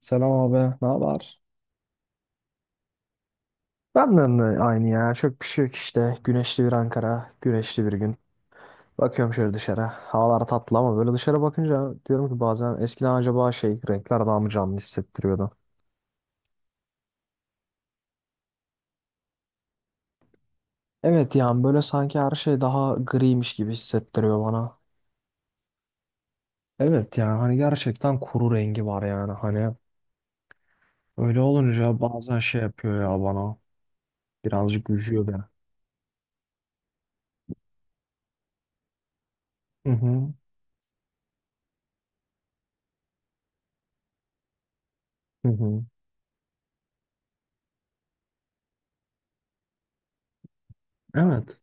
Selam abi, ne haber? Benden de aynı ya. Çok bir şey yok işte. Güneşli bir Ankara, güneşli bir gün. Bakıyorum şöyle dışarı. Havalar tatlı ama böyle dışarı bakınca diyorum ki bazen eskiden acaba şey renkler daha mı canlı hissettiriyordu? Evet, yani böyle sanki her şey daha griymiş gibi hissettiriyor bana. Evet, yani hani gerçekten kuru rengi var, yani hani öyle olunca bazen şey yapıyor ya bana, birazcık üzüyor beni. Hı hı. Hı hı. Evet.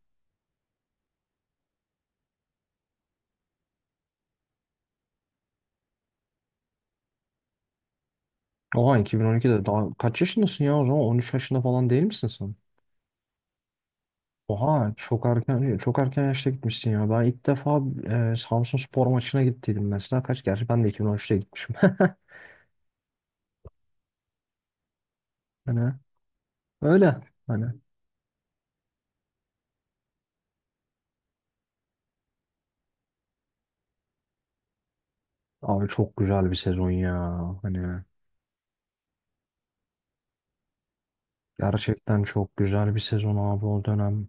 Oha, 2012'de daha kaç yaşındasın ya, o zaman 13 yaşında falan değil misin sen? Oha, çok erken çok erken yaşta gitmişsin ya. Ben ilk defa Samsun Spor maçına gittiydim mesela. Gerçi ben de 2013'te gitmişim. Hani öyle, hani abi, çok güzel bir sezon ya. Hani gerçekten çok güzel bir sezon abi, o dönem.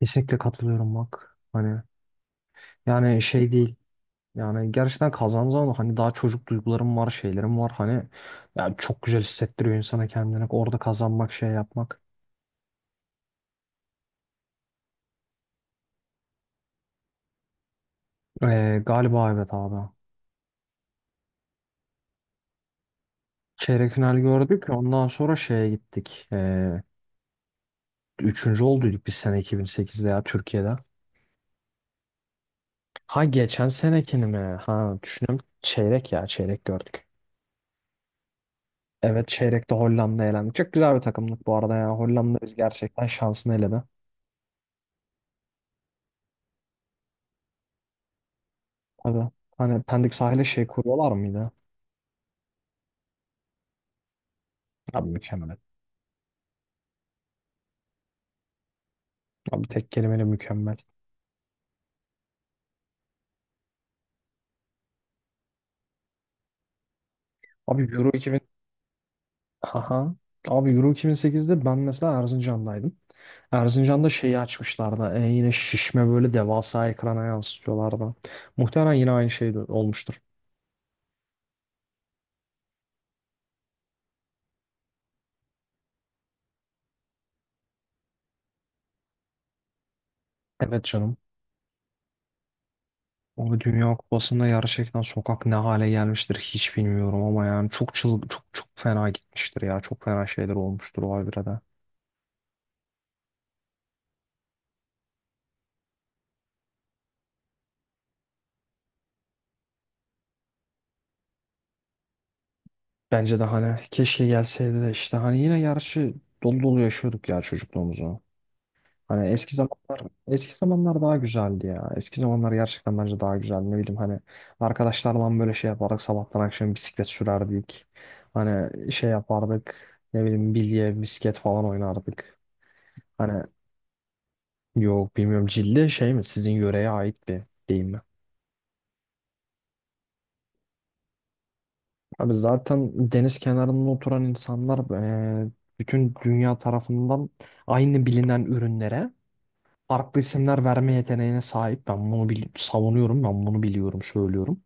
Kesinlikle katılıyorum, bak. Hani yani şey değil. Yani gerçekten kazandığın zaman hani, daha çocuk duygularım var, şeylerim var. Hani yani çok güzel hissettiriyor insana kendini. Orada kazanmak, şey yapmak. Galiba evet abi. Çeyrek final gördük. Ondan sonra şeye gittik. Üçüncü olduyduk biz sene 2008'de ya, Türkiye'de. Ha, geçen senekini mi? Ha, düşünüyorum. Çeyrek ya çeyrek gördük. Evet, çeyrekte Hollanda'ya elendik. Çok güzel bir takımlık bu arada ya. Hollanda biz gerçekten şansını eledi. Tabii. Hani Pendik sahile şey kuruyorlar mıydı? Abi, mükemmel. Abi, tek kelimeyle mükemmel. Abi Euro 2000. Aha. Abi Euro 2008'de ben mesela Erzincan'daydım. Erzincan'da şeyi açmışlardı. Yine şişme böyle devasa ekrana yansıtıyorlardı. Muhtemelen yine aynı şey de olmuştur. Evet canım. Abi Dünya Kupası'nda gerçekten sokak ne hale gelmiştir hiç bilmiyorum ama yani çok çok fena gitmiştir ya. Çok fena şeyler olmuştur o Alvire'de. Bence de hani keşke gelseydi de işte hani yine gerçi dolu dolu yaşıyorduk ya çocukluğumuzu. Hani eski zamanlar daha güzeldi ya. Eski zamanlar gerçekten bence daha güzeldi. Ne bileyim hani arkadaşlarla böyle şey yapardık. Sabahtan akşam bisiklet sürerdik. Hani şey yapardık. Ne bileyim, bilye, misket falan oynardık. Hani yok, bilmiyorum, cilde şey mi, sizin yöreye ait bir deyim mi? Abi zaten deniz kenarında oturan insanlar, eee, bütün dünya tarafından aynı bilinen ürünlere farklı isimler verme yeteneğine sahip. Ben bunu savunuyorum, ben bunu biliyorum, söylüyorum.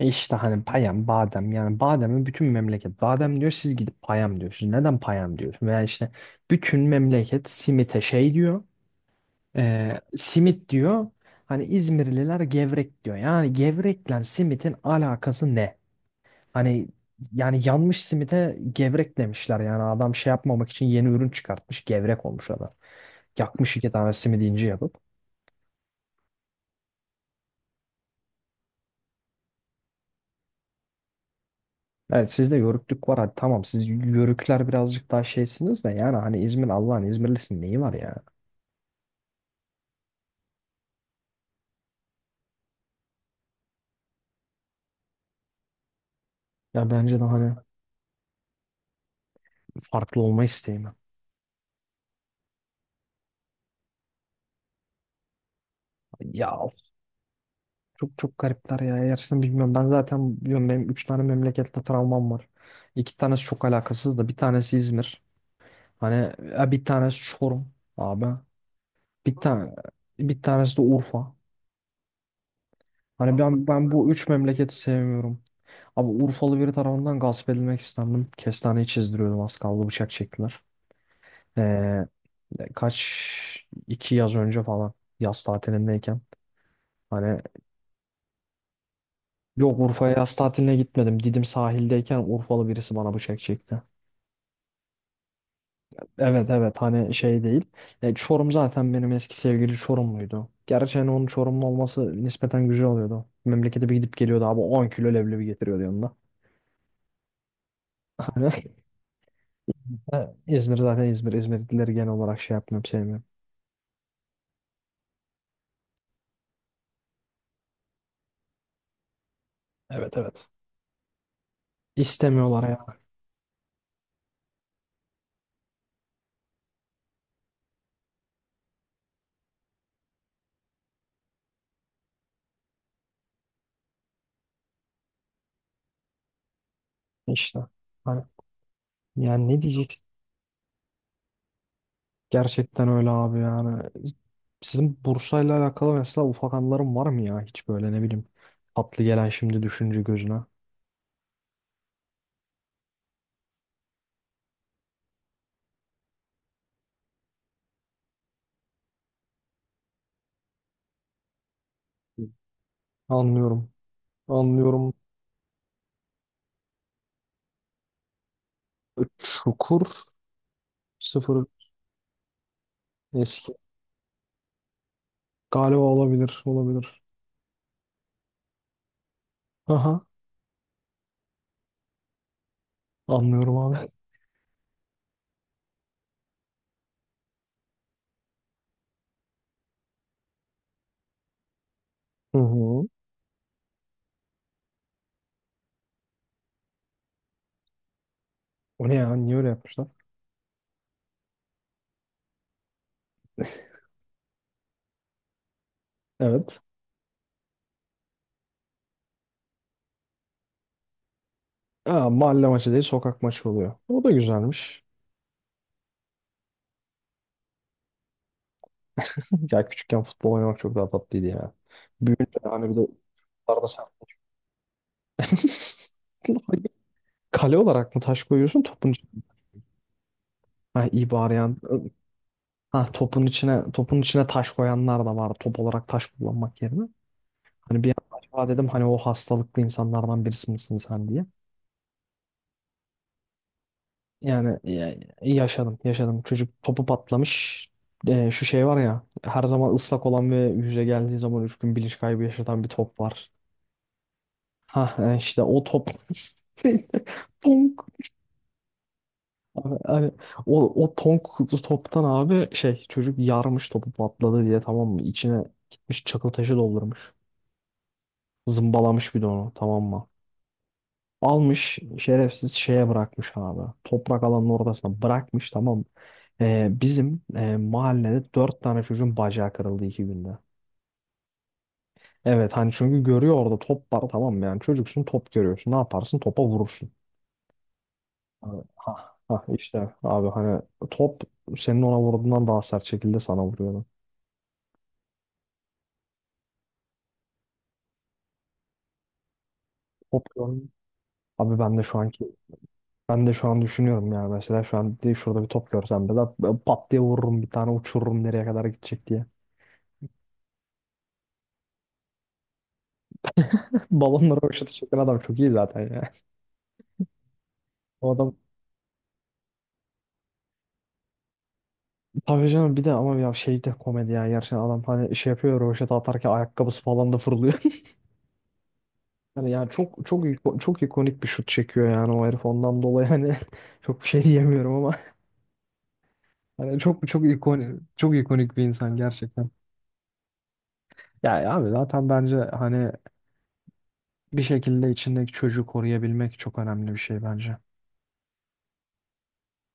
İşte hani payam, badem, yani bademi bütün memleket badem diyor, siz gidip payam diyorsunuz. Neden payam diyorsun? Veya işte bütün memleket simite şey diyor. Simit diyor. Hani İzmirliler gevrek diyor. Yani gevrekle simitin alakası ne? Hani yani yanmış simite gevrek demişler. Yani adam şey yapmamak için yeni ürün çıkartmış. Gevrek olmuş adam. Yakmış iki tane simidi ince yapıp. Evet, sizde yörüklük var. Hadi tamam, siz yörükler birazcık daha şeysiniz de yani hani İzmir, Allah'ın İzmirlisin, neyi var ya? Ya bence de hani farklı olma isteği. Ya of, çok çok garipler ya. Gerçekten bilmiyorum. Ben zaten biliyorum, benim 3 tane memlekette travmam var. 2 tanesi çok alakasız da, bir tanesi İzmir. Hani bir tanesi Çorum abi. Bir tane Bir tanesi de Urfa. Hani ben bu üç memleketi sevmiyorum. Abi Urfalı biri tarafından gasp edilmek istendim. Kestaneyi çizdiriyordum, az kaldı bıçak çektiler, Ee, kaç iki yaz önce falan, yaz tatilindeyken, hani, yok, Urfa'ya yaz tatiline gitmedim. Didim sahildeyken Urfalı birisi bana bıçak çekti. Evet evet, hani şey değil. Çorum zaten benim eski sevgili Çorumluydu. Gerçi hani onun Çorumlu olması nispeten güzel oluyordu. Memlekete bir gidip geliyordu abi, 10 kilo leblebi getiriyordu yanında. Hani İzmir zaten İzmir. İzmirlileri genel olarak şey yapmıyorum, sevmiyorum. Evet evet. İstemiyorlar ya işte. Hani yani ne diyeceksin? Gerçekten öyle abi, yani. Sizin Bursa'yla alakalı mesela ufak anılarım var mı ya? Hiç böyle ne bileyim, tatlı gelen şimdi düşünce gözüne. Anlıyorum. Anlıyorum. Çukur, sıfır, eski. Galiba olabilir. Olabilir. Aha. Anlıyorum abi. Hı hı. O ne ya? Niye öyle yapmışlar? Evet. Ha, mahalle maçı değil, sokak maçı oluyor. O da güzelmiş. Ya küçükken futbol oynamak çok daha tatlıydı ya. Büyünce hani bir de arada sen... Kale olarak mı taş koyuyorsun topun içine? Ha, iyi bari yani. Ha, topun içine topun içine taş koyanlar da var, top olarak taş kullanmak yerine. Hani bir an acaba dedim hani o hastalıklı insanlardan birisi misin sen diye. Yani yaşadım, yaşadım. Çocuk topu patlamış. Şu şey var ya, her zaman ıslak olan ve yüze geldiği zaman 3 gün bilinç kaybı yaşatan bir top var. Ha, işte o top. Tonk. Abi, hani o tonk toptan abi şey çocuk yarmış topu patladı diye, tamam mı? İçine gitmiş çakıl taşı doldurmuş. Zımbalamış bir de onu, tamam mı? Almış şerefsiz şeye bırakmış abi. Toprak alanın ortasına bırakmış, tamam mı? Bizim mahallede dört tane çocuğun bacağı kırıldı 2 günde. Evet, hani çünkü görüyor orada top var, tamam mı, yani çocuksun, top görüyorsun, ne yaparsın, topa vurursun. Abi, ha, ha, işte abi hani top senin ona vurduğundan daha sert şekilde sana vuruyordu. Top gör- Abi ben de şu an düşünüyorum ya, mesela, şurada bir top görsem de ben pat diye vururum, bir tane uçururum nereye kadar gidecek diye. Balonları boşaltı çeken adam çok iyi zaten ya. O adam, tabii canım, bir de ama ya şey de komedi ya, gerçekten adam hani şey yapıyor, rövaşata atarken ayakkabısı falan da fırlıyor. Yani ya çok çok çok ikonik bir şut çekiyor yani, o herif ondan dolayı hani çok bir şey diyemiyorum ama hani çok çok ikonik çok ikonik bir insan gerçekten. Ya abi zaten bence hani bir şekilde içindeki çocuğu koruyabilmek çok önemli bir şey bence.